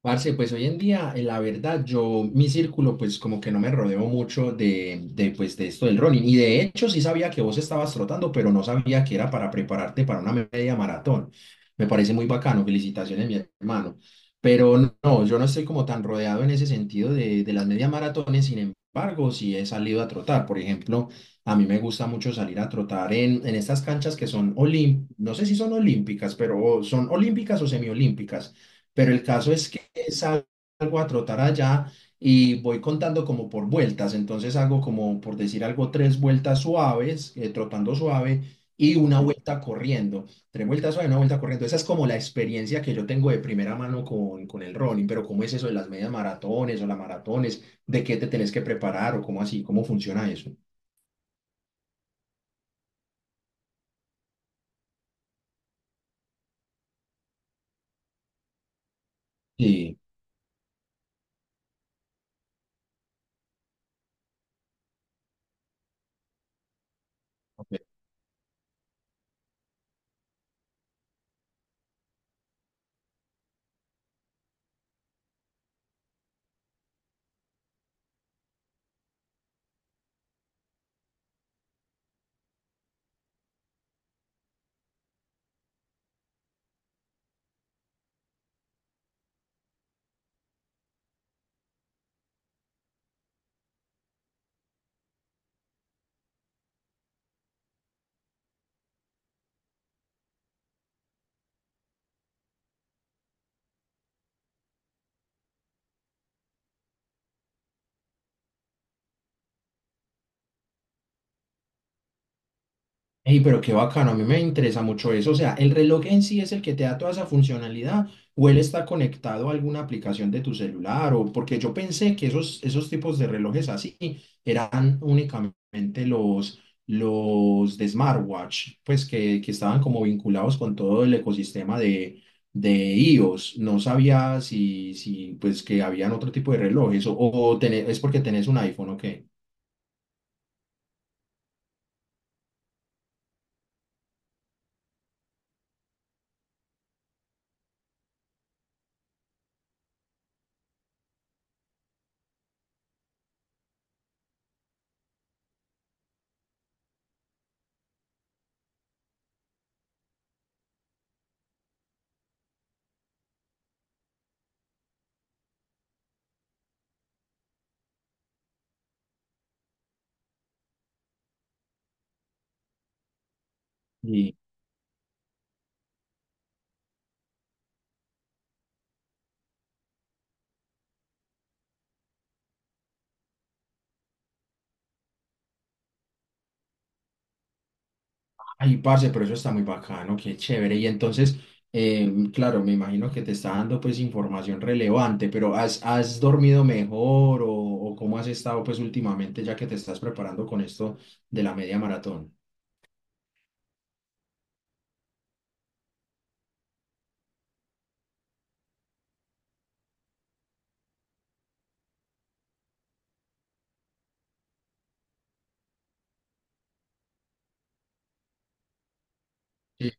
Parce, pues hoy en día, la verdad, yo, mi círculo, pues como que no me rodeo mucho pues, de esto del running. Y de hecho, sí sabía que vos estabas trotando, pero no sabía que era para prepararte para una media maratón. Me parece muy bacano, felicitaciones, mi hermano. Pero no, no, yo no estoy como tan rodeado en ese sentido de las medias maratones, sin embargo, sí he salido a trotar. Por ejemplo, a mí me gusta mucho salir a trotar en estas canchas que son olímpicas, no sé si son olímpicas, pero son olímpicas o semiolímpicas, pero el caso es que salgo a trotar allá y voy contando como por vueltas. Entonces hago como, por decir algo, tres vueltas suaves, trotando suave y una vuelta corriendo. Tres vueltas suaves, una vuelta corriendo. Esa es como la experiencia que yo tengo de primera mano con el running. Pero ¿cómo es eso de las medias maratones o las maratones? ¿De qué te tenés que preparar o cómo así? ¿Cómo funciona eso? Sí. Ey, pero qué bacano, a mí me interesa mucho eso. O sea, ¿el reloj en sí es el que te da toda esa funcionalidad o él está conectado a alguna aplicación de tu celular? O porque yo pensé que esos tipos de relojes así eran únicamente los de smartwatch, que estaban como vinculados con todo el ecosistema de iOS. No sabía si pues que habían otro tipo de relojes o tené- es porque tenés un iPhone o qué. Ay, parce, pero eso está muy bacano, qué chévere. Y entonces, claro, me imagino que te está dando pues información relevante, pero ¿ has dormido mejor o cómo has estado pues últimamente ya que te estás preparando con esto de la media maratón? Sí,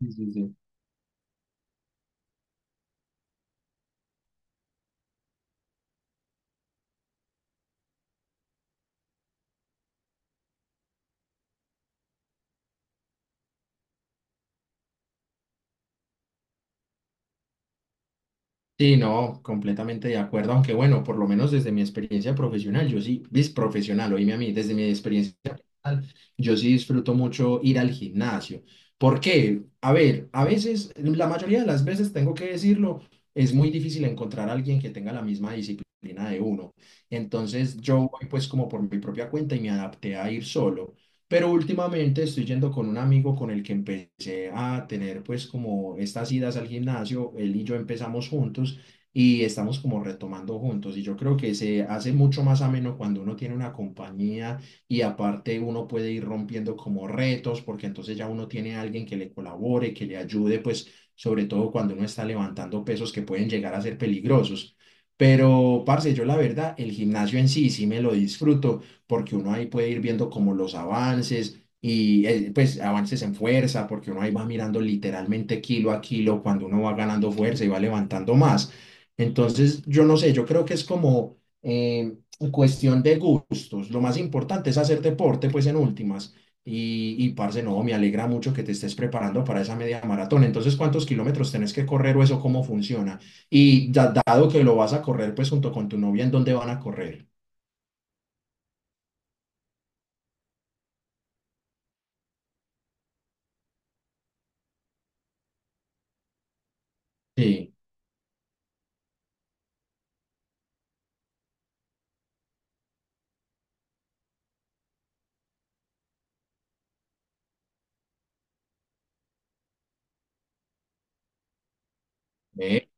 sí, sí, sí. Sí, no, completamente de acuerdo, aunque bueno, por lo menos desde mi experiencia profesional, yo sí, vis profesional, oíme a mí, desde mi experiencia profesional, yo sí disfruto mucho ir al gimnasio. ¿Por qué? A ver, a veces, la mayoría de las veces, tengo que decirlo, es muy difícil encontrar a alguien que tenga la misma disciplina de uno. Entonces, yo voy pues como por mi propia cuenta y me adapté a ir solo. Pero últimamente estoy yendo con un amigo con el que empecé a tener pues como estas idas al gimnasio, él y yo empezamos juntos y estamos como retomando juntos y yo creo que se hace mucho más ameno cuando uno tiene una compañía y aparte uno puede ir rompiendo como retos porque entonces ya uno tiene a alguien que le colabore, que le ayude pues sobre todo cuando uno está levantando pesos que pueden llegar a ser peligrosos. Pero, parce, yo la verdad, el gimnasio en sí sí me lo disfruto porque uno ahí puede ir viendo como los avances y pues avances en fuerza, porque uno ahí va mirando literalmente kilo a kilo cuando uno va ganando fuerza y va levantando más. Entonces, yo no sé, yo creo que es como cuestión de gustos. Lo más importante es hacer deporte, pues en últimas. Y parce, no, me alegra mucho que te estés preparando para esa media maratón. Entonces, ¿cuántos kilómetros tenés que correr o eso cómo funciona? Y ya dado que lo vas a correr, pues junto con tu novia, ¿en dónde van a correr? Sí, ve,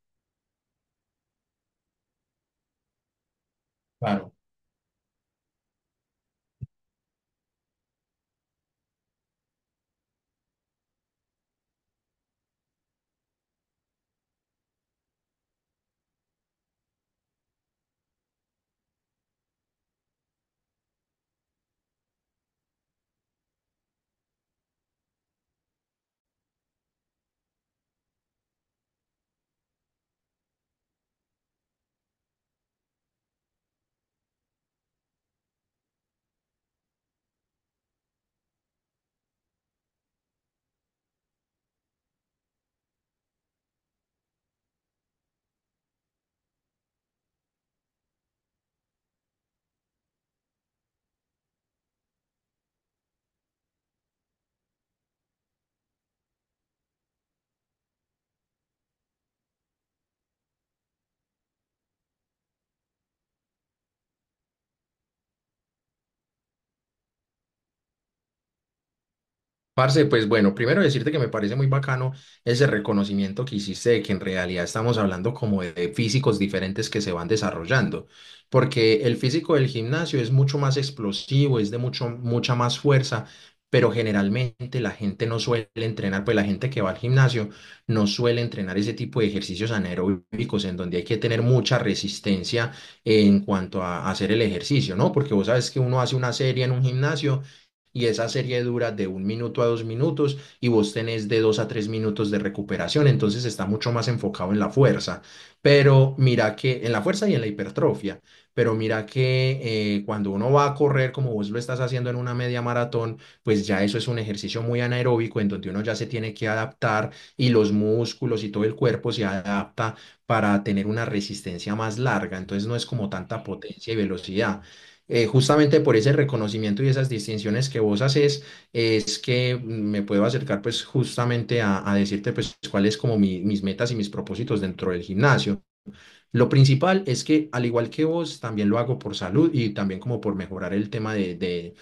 claro. Parce, pues bueno, primero decirte que me parece muy bacano ese reconocimiento que hiciste de que en realidad estamos hablando como de físicos diferentes que se van desarrollando, porque el físico del gimnasio es mucho más explosivo, es de mucho, mucha más fuerza, pero generalmente la gente no suele entrenar, pues la gente que va al gimnasio no suele entrenar ese tipo de ejercicios anaeróbicos en donde hay que tener mucha resistencia en cuanto a hacer el ejercicio, ¿no? Porque vos sabes que uno hace una serie en un gimnasio y esa serie dura de un minuto a dos minutos y vos tenés de dos a tres minutos de recuperación, entonces está mucho más enfocado en la fuerza, pero mira que en la fuerza y en la hipertrofia, pero mira que cuando uno va a correr como vos lo estás haciendo en una media maratón, pues ya eso es un ejercicio muy anaeróbico en donde uno ya se tiene que adaptar y los músculos y todo el cuerpo se adapta para tener una resistencia más larga, entonces no es como tanta potencia y velocidad, justamente por ese reconocimiento y esas distinciones que vos haces, es que me puedo acercar pues justamente a decirte pues cuáles como mi- mis metas y mis propósitos dentro del gimnasio. Lo principal es que al igual que vos, también lo hago por salud y también como por mejorar el tema de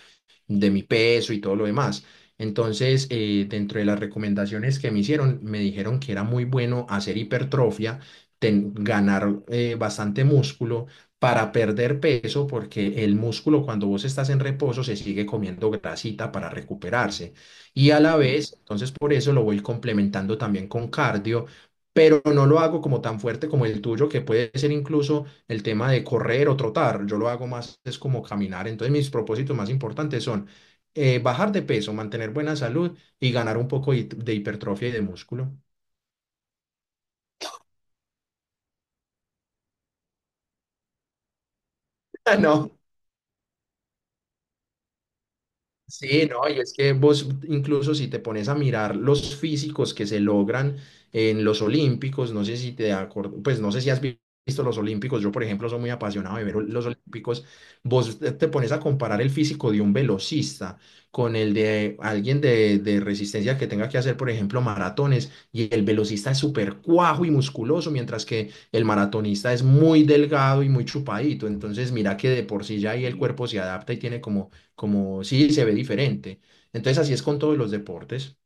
de mi peso y todo lo demás. Entonces, dentro de las recomendaciones que me hicieron, me dijeron que era muy bueno hacer hipertrofia, ten- ganar bastante músculo para perder peso, porque el músculo cuando vos estás en reposo se sigue comiendo grasita para recuperarse. Y a la vez, entonces por eso lo voy complementando también con cardio, pero no lo hago como tan fuerte como el tuyo, que puede ser incluso el tema de correr o trotar, yo lo hago más, es como caminar. Entonces mis propósitos más importantes son bajar de peso, mantener buena salud y ganar un poco hi- de hipertrofia y de músculo. No, sí, no, y es que vos incluso si te pones a mirar los físicos que se logran en los Olímpicos, no sé si te acuerdas, pues no sé si has vi- visto los Olímpicos, yo por ejemplo soy muy apasionado de ver ol- los Olímpicos, vos te pones a comparar el físico de un velocista con el de alguien de resistencia que tenga que hacer por ejemplo maratones y el velocista es súper cuajo y musculoso, mientras que el maratonista es muy delgado y muy chupadito, entonces mira que de por sí ya ahí el cuerpo se adapta y tiene como como sí se ve diferente. Entonces así es con todos los deportes.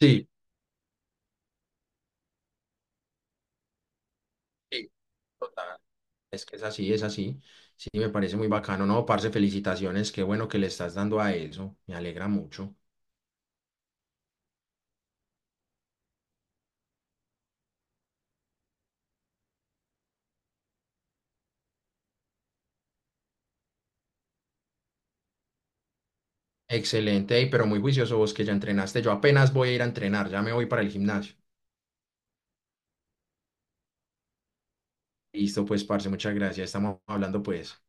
Sí, sí, total. Es que es así, es así. Sí, me parece muy bacano. No, parce, felicitaciones. Qué bueno que le estás dando a eso. Me alegra mucho. Excelente, ey, pero muy juicioso vos que ya entrenaste. Yo apenas voy a ir a entrenar, ya me voy para el gimnasio. Listo, pues, parce, muchas gracias. Estamos hablando, pues.